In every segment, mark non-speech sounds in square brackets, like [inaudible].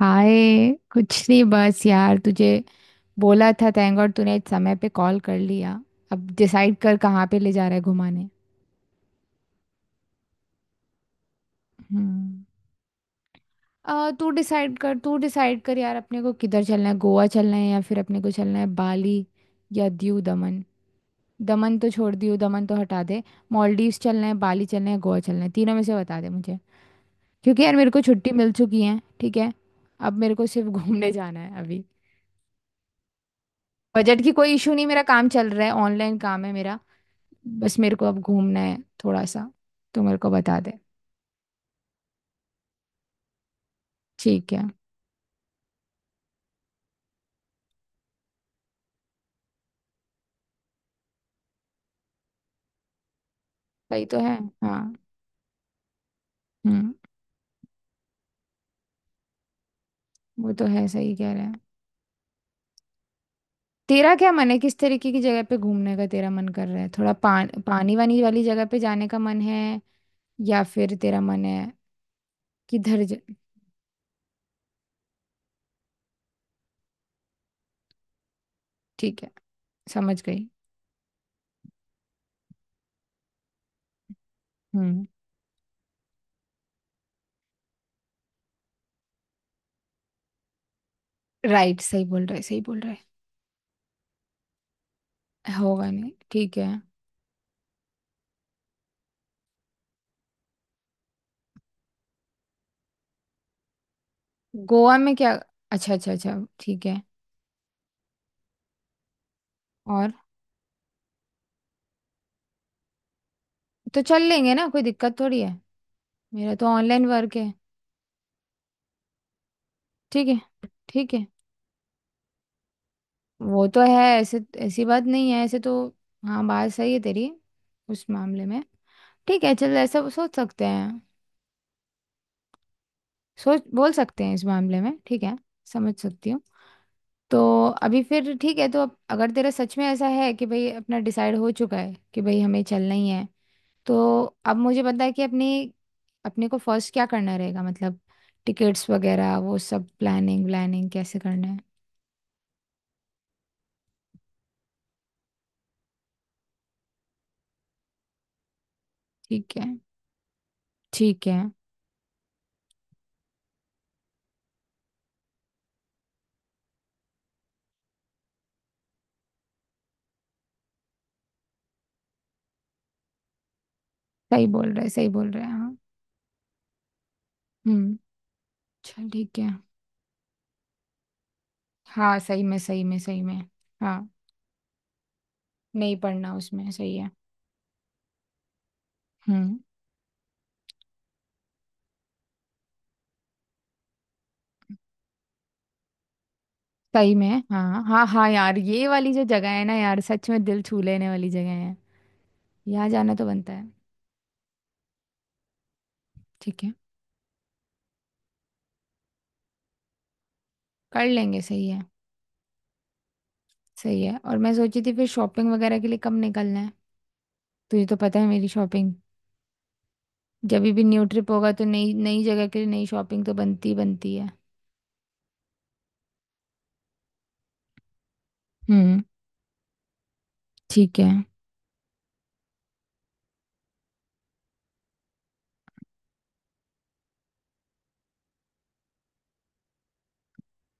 हाय कुछ नहीं बस यार तुझे बोला था थैंक गॉड तूने इस समय पे कॉल कर लिया। अब डिसाइड कर कहाँ पे ले जा रहा है घुमाने। हम्म। तू डिसाइड कर यार अपने को किधर चलना है। गोवा चलना है या फिर अपने को चलना है बाली या दीव दमन। दमन तो छोड़ दीव दमन तो हटा दे। मॉलडीव्स चलना है बाली चलना है गोवा चलना है तीनों में से बता दे मुझे। क्योंकि यार मेरे को छुट्टी मिल चुकी है ठीक है। अब मेरे को सिर्फ [laughs] घूमने जाना है अभी। बजट की कोई इशू नहीं, मेरा काम चल रहा है, ऑनलाइन काम है मेरा। बस मेरे को अब घूमना है थोड़ा सा, तो मेरे को बता दे। ठीक है। सही तो है। हाँ। हम्म। वो तो है, सही कह रहे हैं। तेरा क्या मन है किस तरीके की जगह पे घूमने का तेरा मन कर रहा है, थोड़ा पानी वानी वाली जगह पे जाने का मन है या फिर तेरा मन है किधर। ठीक है, समझ गई। हम्म। राइट, सही बोल रहे सही बोल रहे। होगा नहीं ठीक है। गोवा में क्या। अच्छा अच्छा अच्छा ठीक है। और तो चल लेंगे ना, कोई दिक्कत थोड़ी है। मेरा तो ऑनलाइन वर्क है। ठीक है। ठीक है। वो तो है ऐसे, ऐसी बात नहीं है ऐसे तो। हाँ बात सही है तेरी, उस मामले में। ठीक है, चल ऐसा सोच सकते हैं। सोच बोल सकते हैं इस मामले में। ठीक है। समझ सकती हूँ। तो अभी फिर ठीक है, तो अब अगर तेरा सच में ऐसा है कि भाई अपना डिसाइड हो चुका है कि भाई हमें चलना ही है, तो अब मुझे पता है कि अपनी अपने को फर्स्ट क्या करना रहेगा, मतलब टिकट्स वगैरह वो सब प्लानिंग व्लानिंग कैसे करना है। ठीक है। ठीक है। सही बोल रहे हैं हाँ। हम्म। चल ठीक है। हाँ सही में सही में सही में। हाँ नहीं पढ़ना उसमें, सही है। हम्म। सही में हाँ हाँ हाँ यार, ये वाली जो जगह है ना यार सच में दिल छू लेने वाली जगह है। यहाँ जाना तो बनता है। ठीक है, कर लेंगे, सही है। सही है। और मैं सोची थी फिर शॉपिंग वगैरह के लिए कब निकलना है। तुझे तो पता है मेरी शॉपिंग। जब भी न्यू ट्रिप होगा तो नई नई जगह के लिए नई शॉपिंग तो बनती बनती है। हम्म। ठीक है।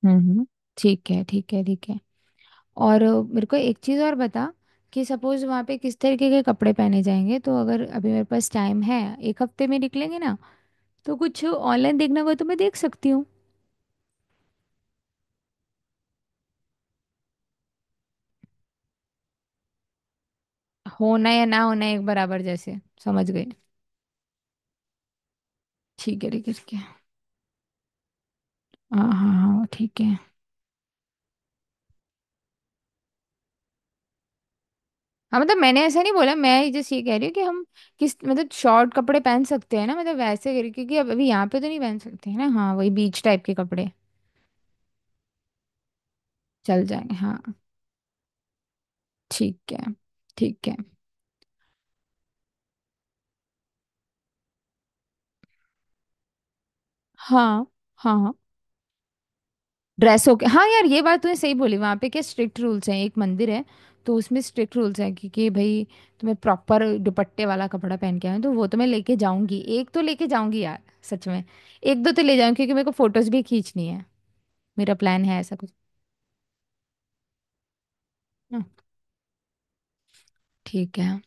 हम्म। ठीक है ठीक है ठीक है। और मेरे को एक चीज़ और बता कि सपोज वहाँ पे किस तरीके के कपड़े पहने जाएंगे, तो अगर अभी मेरे पास टाइम है, एक हफ्ते में निकलेंगे ना, तो कुछ ऑनलाइन देखना हो तो मैं देख सकती हूँ। होना या ना होना एक बराबर जैसे, समझ गई। ठीक है ठीक है ठीक है। हाँ हाँ हाँ ठीक है। हाँ मतलब मैंने ऐसा नहीं बोला, मैं जस्ट ये कह रही हूँ कि हम किस मतलब शॉर्ट कपड़े पहन सकते हैं ना, मतलब वैसे करके, क्योंकि अब अभी यहाँ पे तो नहीं पहन सकते हैं ना। हाँ वही बीच टाइप के कपड़े। चल जाएंगे हाँ। ठीक है। ठीक है। हाँ हाँ हाँ। ड्रेसों के हाँ यार, ये बात तूने सही बोली। वहाँ पे क्या स्ट्रिक्ट रूल्स हैं, एक मंदिर है, तो उसमें स्ट्रिक्ट रूल्स हैं कि भाई तुम्हें प्रॉपर दुपट्टे वाला कपड़ा पहन के आए, तो वो तो मैं लेके जाऊंगी, एक तो लेके जाऊंगी यार। सच में, एक दो तो ले जाऊंगी क्योंकि मेरे को फोटोज भी खींचनी है। मेरा प्लान है ऐसा कुछ ना। ठीक है।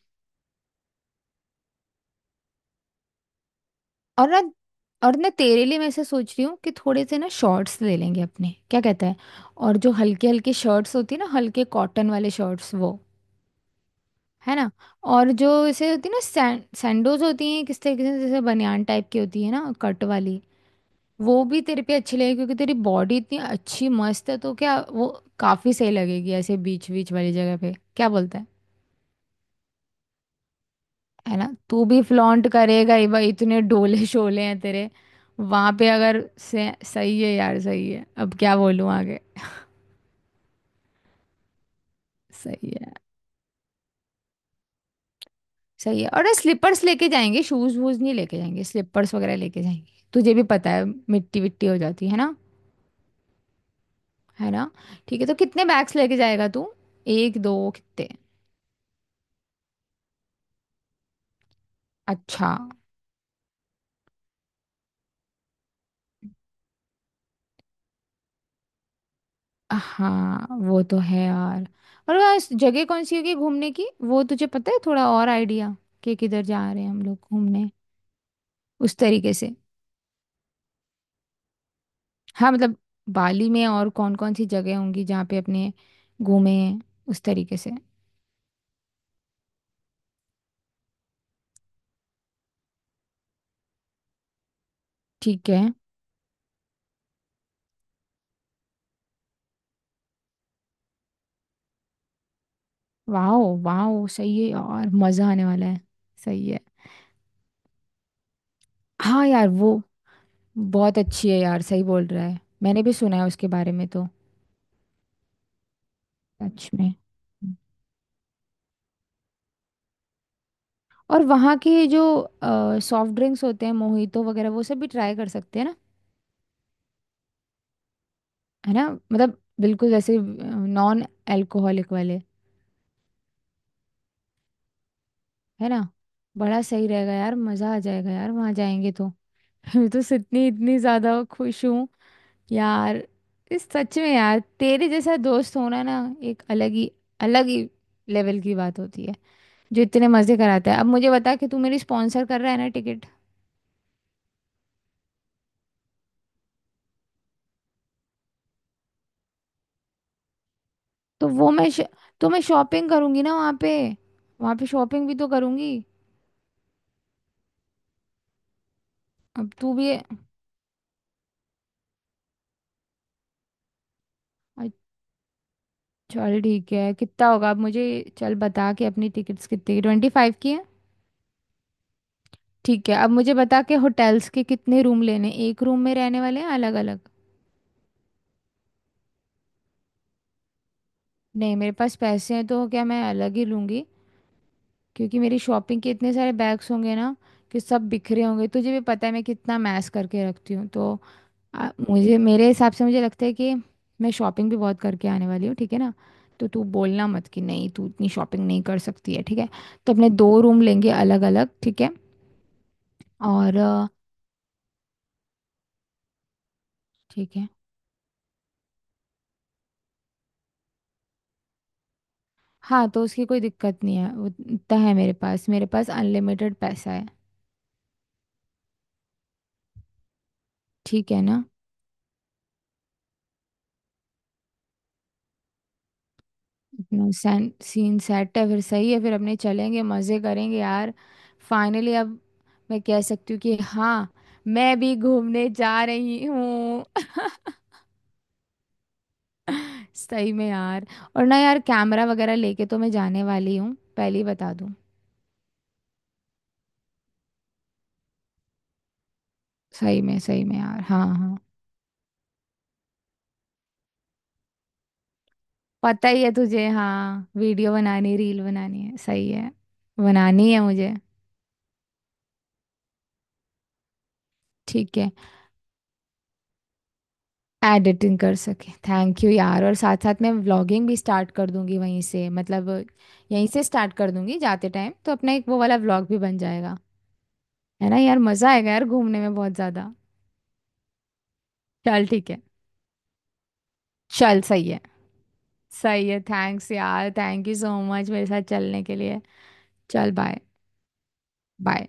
और ना और ना तेरे लिए मैं ऐसा सोच रही हूँ कि थोड़े से ना शॉर्ट्स ले लेंगे अपने, क्या कहता है। और जो हल्के हल्के शर्ट्स होती है ना, हल्के कॉटन वाले शर्ट्स वो। है ना। और जो इसे होती है ना, सैंडोज होती हैं किस तरीके से जैसे बनियान टाइप की होती है ना, कट वाली। वो भी तेरे पे अच्छी लगेगी क्योंकि तेरी बॉडी इतनी अच्छी मस्त है, तो क्या वो काफी सही लगेगी ऐसे बीच बीच वाली जगह पे, क्या बोलता है। है ना, तू भी फ्लॉन्ट करेगा ही भाई इतने डोले शोले हैं तेरे वहां पे, अगर सही है यार सही है, अब क्या बोलूं आगे। सही है। सही है। और स्लीपर्स लेके जाएंगे, शूज वूज नहीं लेके जाएंगे, स्लीपर्स वगैरह लेके जाएंगे, तुझे भी पता है मिट्टी विट्टी हो जाती है ना। है ना। ठीक है, तो कितने बैग्स लेके जाएगा तू, एक दो कितने। अच्छा। हाँ वो तो है यार। और वह इस जगह कौन सी होगी घूमने की, वो तुझे पता है थोड़ा और आइडिया कि किधर जा रहे हैं हम लोग घूमने, उस तरीके से। हाँ मतलब बाली में और कौन कौन सी जगह होंगी जहाँ पे अपने घूमे, उस तरीके से। ठीक है। वाह। वाह सही है यार, मज़ा आने वाला है। सही है। हाँ यार वो बहुत अच्छी है यार, सही बोल रहा है, मैंने भी सुना है उसके बारे में तो। सच में। और वहाँ के जो सॉफ्ट ड्रिंक्स होते हैं मोहितो वगैरह वो सब भी ट्राई कर सकते हैं ना। है ना, मतलब बिल्कुल जैसे नॉन अल्कोहलिक वाले। है ना। बड़ा सही रहेगा यार, मज़ा आ जाएगा यार वहाँ जाएंगे तो। [laughs] मैं तो इतनी इतनी ज़्यादा खुश हूँ यार। इस सच में यार तेरे जैसा दोस्त होना ना, एक अलग ही लेवल की बात होती है, जो इतने मज़े कराता है। अब मुझे बता कि तू मेरी स्पॉन्सर कर रहा है ना। तो वो मैं श... तो मैं शॉपिंग करूंगी ना वहाँ पे, वहाँ पे शॉपिंग भी तो करूंगी। अब तू भी। अच्छा, चल ठीक है कितना होगा, अब मुझे चल बता के अपनी टिकट्स कितनी की, 25 की है। ठीक है, अब मुझे बता के होटल्स के कितने रूम लेने, एक रूम में रहने वाले हैं अलग अलग। नहीं मेरे पास पैसे हैं तो क्या, मैं अलग ही लूँगी क्योंकि मेरी शॉपिंग के इतने सारे बैग्स होंगे ना कि सब बिखरे होंगे, तुझे भी पता है मैं कितना मैस करके रखती हूँ तो। मुझे मेरे हिसाब से मुझे लगता है कि मैं शॉपिंग भी बहुत करके आने वाली हूँ ठीक है ना। तो तू बोलना मत कि नहीं तू इतनी शॉपिंग नहीं कर सकती है ठीक है। तो अपने दो रूम लेंगे अलग अलग, ठीक है। और ठीक है। हाँ तो उसकी कोई दिक्कत नहीं है वो, इतना है मेरे पास, मेरे पास अनलिमिटेड पैसा है। ठीक है ना। अपना सैन सीन सेट है फिर, सही है, फिर अपने चलेंगे मज़े करेंगे यार। फाइनली अब मैं कह सकती हूँ कि हाँ, मैं भी घूमने जा रही हूँ। सही में यार। और ना यार कैमरा वगैरह लेके तो मैं जाने वाली हूँ, पहले ही बता दूँ। सही में यार हाँ हाँ। पता ही है तुझे हाँ, वीडियो बनानी रील बनानी है सही है। बनानी है मुझे। ठीक है। एडिटिंग कर सके, थैंक यू यार। और साथ साथ मैं व्लॉगिंग भी स्टार्ट कर दूंगी वहीं से, मतलब यहीं से स्टार्ट कर दूंगी जाते टाइम, तो अपना एक वो वाला व्लॉग भी बन जाएगा। है ना यार मज़ा आएगा यार घूमने में बहुत ज़्यादा। चल ठीक है। चल सही है। सही है, थैंक्स यार, थैंक यू सो मच मेरे साथ चलने के लिए। चल बाय। बाय।